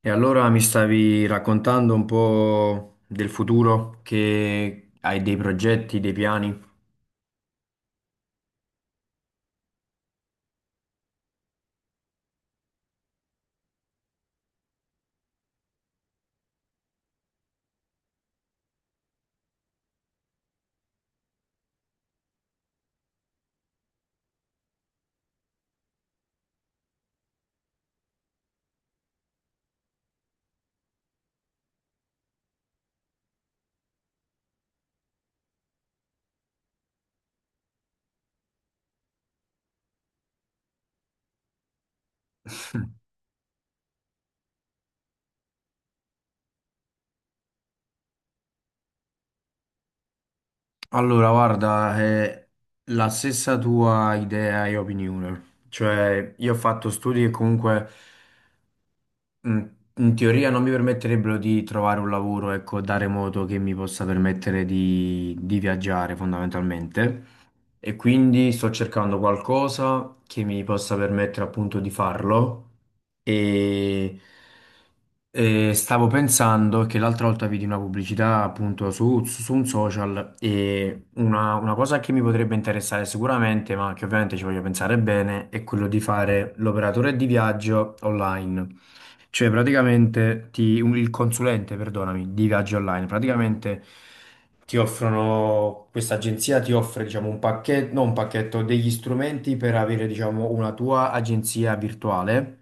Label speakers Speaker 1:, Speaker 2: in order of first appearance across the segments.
Speaker 1: E allora mi stavi raccontando un po' del futuro, che hai dei progetti, dei piani? Allora, guarda, è la stessa tua idea e opinione. Cioè, io ho fatto studi che comunque Mm, in teoria non mi permetterebbero di trovare un lavoro, ecco, da remoto che mi possa permettere di viaggiare fondamentalmente. E quindi sto cercando qualcosa che mi possa permettere appunto di farlo. E, e stavo pensando che l'altra volta vidi una pubblicità appunto su un social e una cosa che mi potrebbe interessare sicuramente, ma che ovviamente ci voglio pensare bene, è quello di fare l'operatore di viaggio online. Cioè, praticamente il consulente, perdonami, di viaggi online, praticamente ti offrono, questa agenzia ti offre, diciamo, un pacchetto, non un pacchetto, degli strumenti per avere, diciamo, una tua agenzia virtuale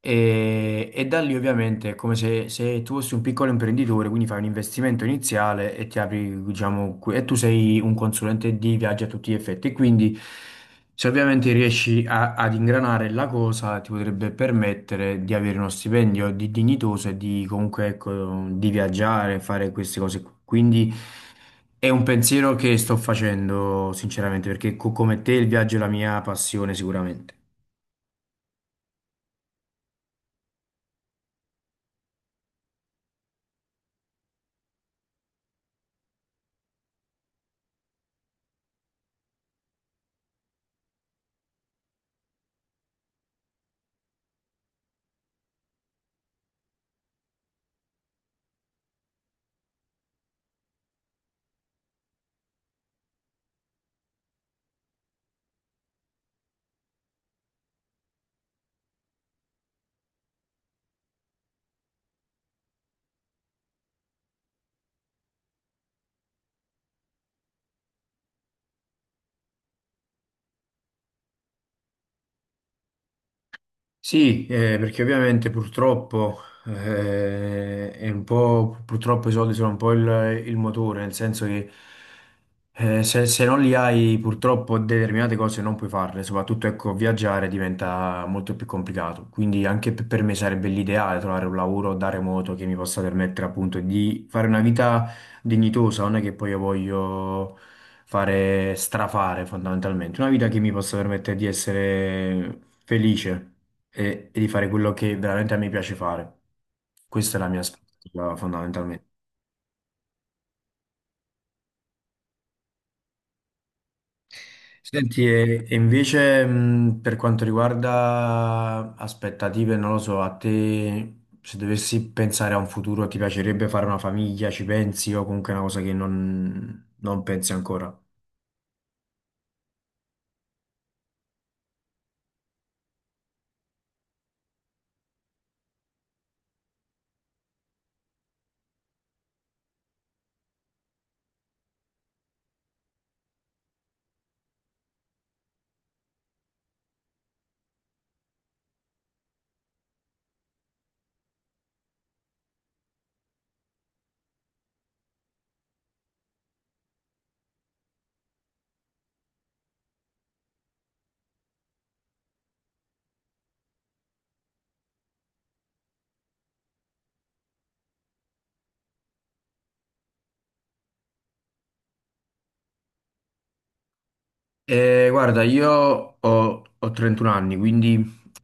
Speaker 1: e da lì ovviamente è come se tu fossi un piccolo imprenditore, quindi fai un investimento iniziale e ti apri, diciamo, e tu sei un consulente di viaggio a tutti gli effetti. Quindi se ovviamente ad ingranare la cosa, ti potrebbe permettere di avere uno stipendio di dignitoso e di comunque, ecco, di viaggiare, fare queste cose. Qui. Quindi è un pensiero che sto facendo sinceramente, perché come te il viaggio è la mia passione sicuramente. Sì, perché ovviamente purtroppo, è un po', purtroppo i soldi sono un po' il motore, nel senso che eh, se non li hai purtroppo determinate cose non puoi farle, soprattutto ecco, viaggiare diventa molto più complicato, quindi anche per me sarebbe l'ideale trovare un lavoro da remoto che mi possa permettere appunto di fare una vita dignitosa, non è che poi io voglio fare strafare fondamentalmente, una vita che mi possa permettere di essere felice e di fare quello che veramente a me piace fare. Questa è la mia aspettativa fondamentalmente. Senti, e invece per quanto riguarda aspettative, non lo so, a te se dovessi pensare a un futuro ti piacerebbe fare una famiglia, ci pensi o comunque è una cosa che non pensi ancora? Guarda, io ho 31 anni, quindi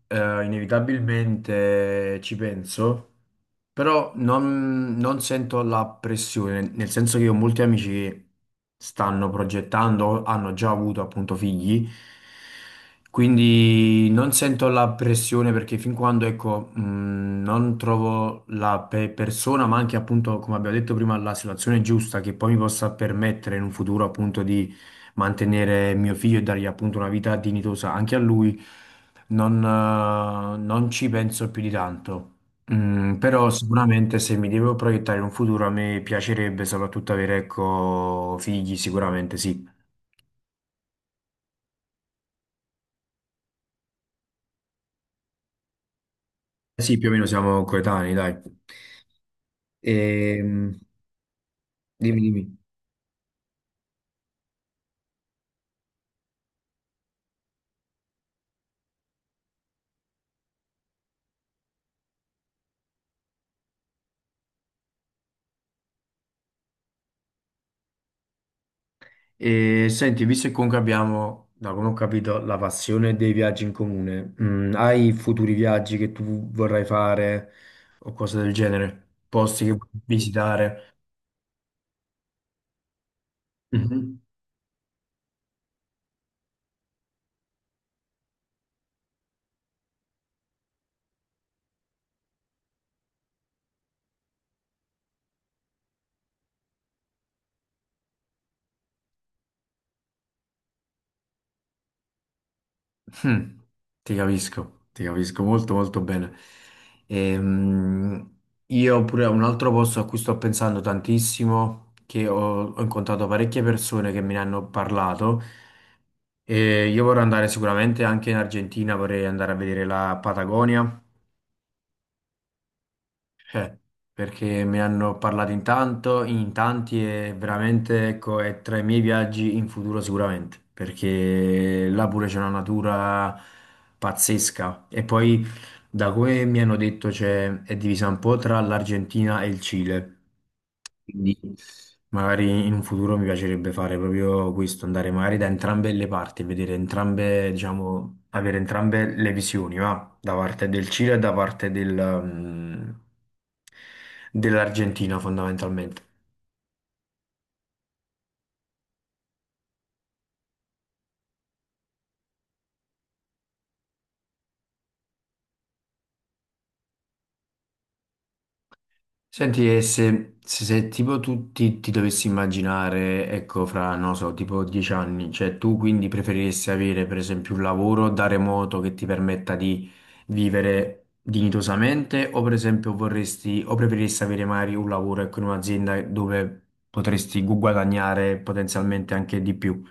Speaker 1: inevitabilmente ci penso, però non sento la pressione, nel senso che ho molti amici che stanno progettando, hanno già avuto appunto figli, quindi non sento la pressione perché fin quando, ecco, non trovo la persona, ma anche appunto, come abbiamo detto prima, la situazione giusta che poi mi possa permettere in un futuro appunto di mantenere mio figlio e dargli appunto una vita dignitosa anche a lui, non, non ci penso più di tanto. Mm, però sicuramente se mi devo proiettare in un futuro a me piacerebbe soprattutto avere, ecco, figli, sicuramente sì. Sì, più o meno siamo coetanei, dai. Ehm, dimmi, dimmi. E senti, visto che comunque abbiamo, da come ho capito, la passione dei viaggi in comune, mm, hai futuri viaggi che tu vorrai fare o cose del genere? Posti che vuoi visitare? Mhm. Mm, ti capisco molto molto bene. Ehm, io pure un altro posto a cui sto pensando tantissimo, ho incontrato parecchie persone che me ne hanno parlato, e io vorrei andare sicuramente anche in Argentina, vorrei andare a vedere la Patagonia, cioè, perché me ne hanno parlato in tanti e veramente, ecco, è tra i miei viaggi in futuro sicuramente, perché là pure c'è una natura pazzesca. E poi, da come mi hanno detto, è divisa un po' tra l'Argentina e il Cile. Quindi magari in un futuro mi piacerebbe fare proprio questo, andare magari da entrambe le parti, vedere entrambe, diciamo, avere entrambe le visioni, va? Da parte del Cile e da parte del, mm, dell'Argentina fondamentalmente. Senti, e se tipo ti dovessi immaginare, ecco, fra, non so, tipo 10 anni, cioè tu quindi preferiresti avere per esempio un lavoro da remoto che ti permetta di vivere dignitosamente o per esempio vorresti, o preferiresti avere magari un lavoro, ecco, in un'azienda dove potresti guadagnare potenzialmente anche di più?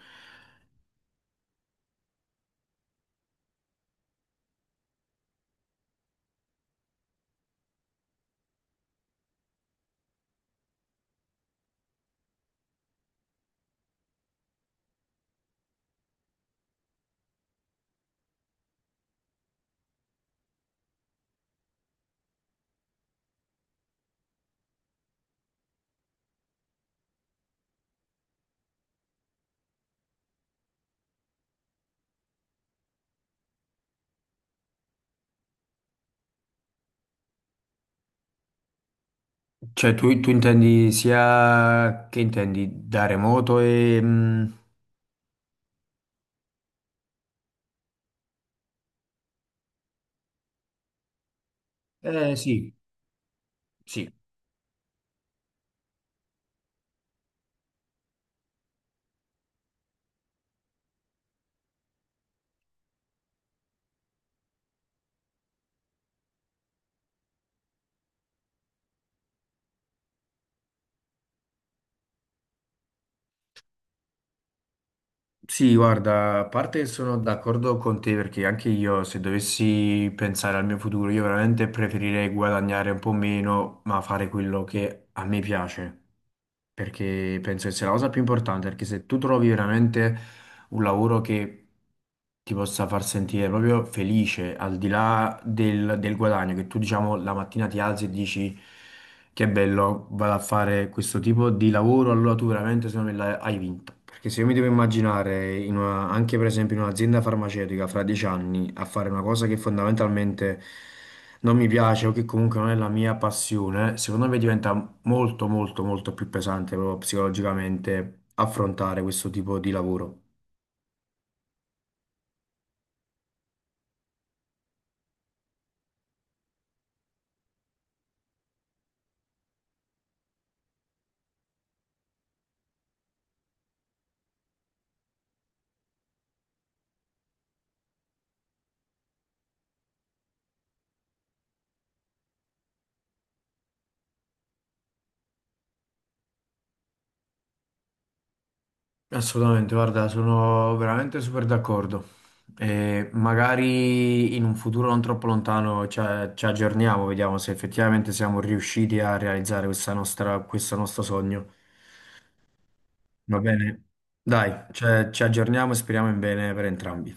Speaker 1: Cioè tu intendi sia, che intendi, da remoto e... mm, eh sì, sì. Sì, guarda, a parte sono d'accordo con te perché anche io se dovessi pensare al mio futuro, io veramente preferirei guadagnare un po' meno, ma fare quello che a me piace perché penso che sia la cosa più importante, perché se tu trovi veramente un lavoro che ti possa far sentire proprio felice, al di là del guadagno, che tu diciamo la mattina ti alzi e dici che bello, vado a fare questo tipo di lavoro, allora tu veramente secondo me hai vinto. Perché se io mi devo immaginare, anche per esempio in un'azienda farmaceutica fra 10 anni, a fare una cosa che fondamentalmente non mi piace o che comunque non è la mia passione, secondo me diventa molto, molto, molto più pesante proprio psicologicamente affrontare questo tipo di lavoro. Assolutamente, guarda, sono veramente super d'accordo. E magari in un futuro non troppo lontano ci aggiorniamo, vediamo se effettivamente siamo riusciti a realizzare questo nostro sogno. Va bene? Dai, ci aggiorniamo e speriamo in bene per entrambi.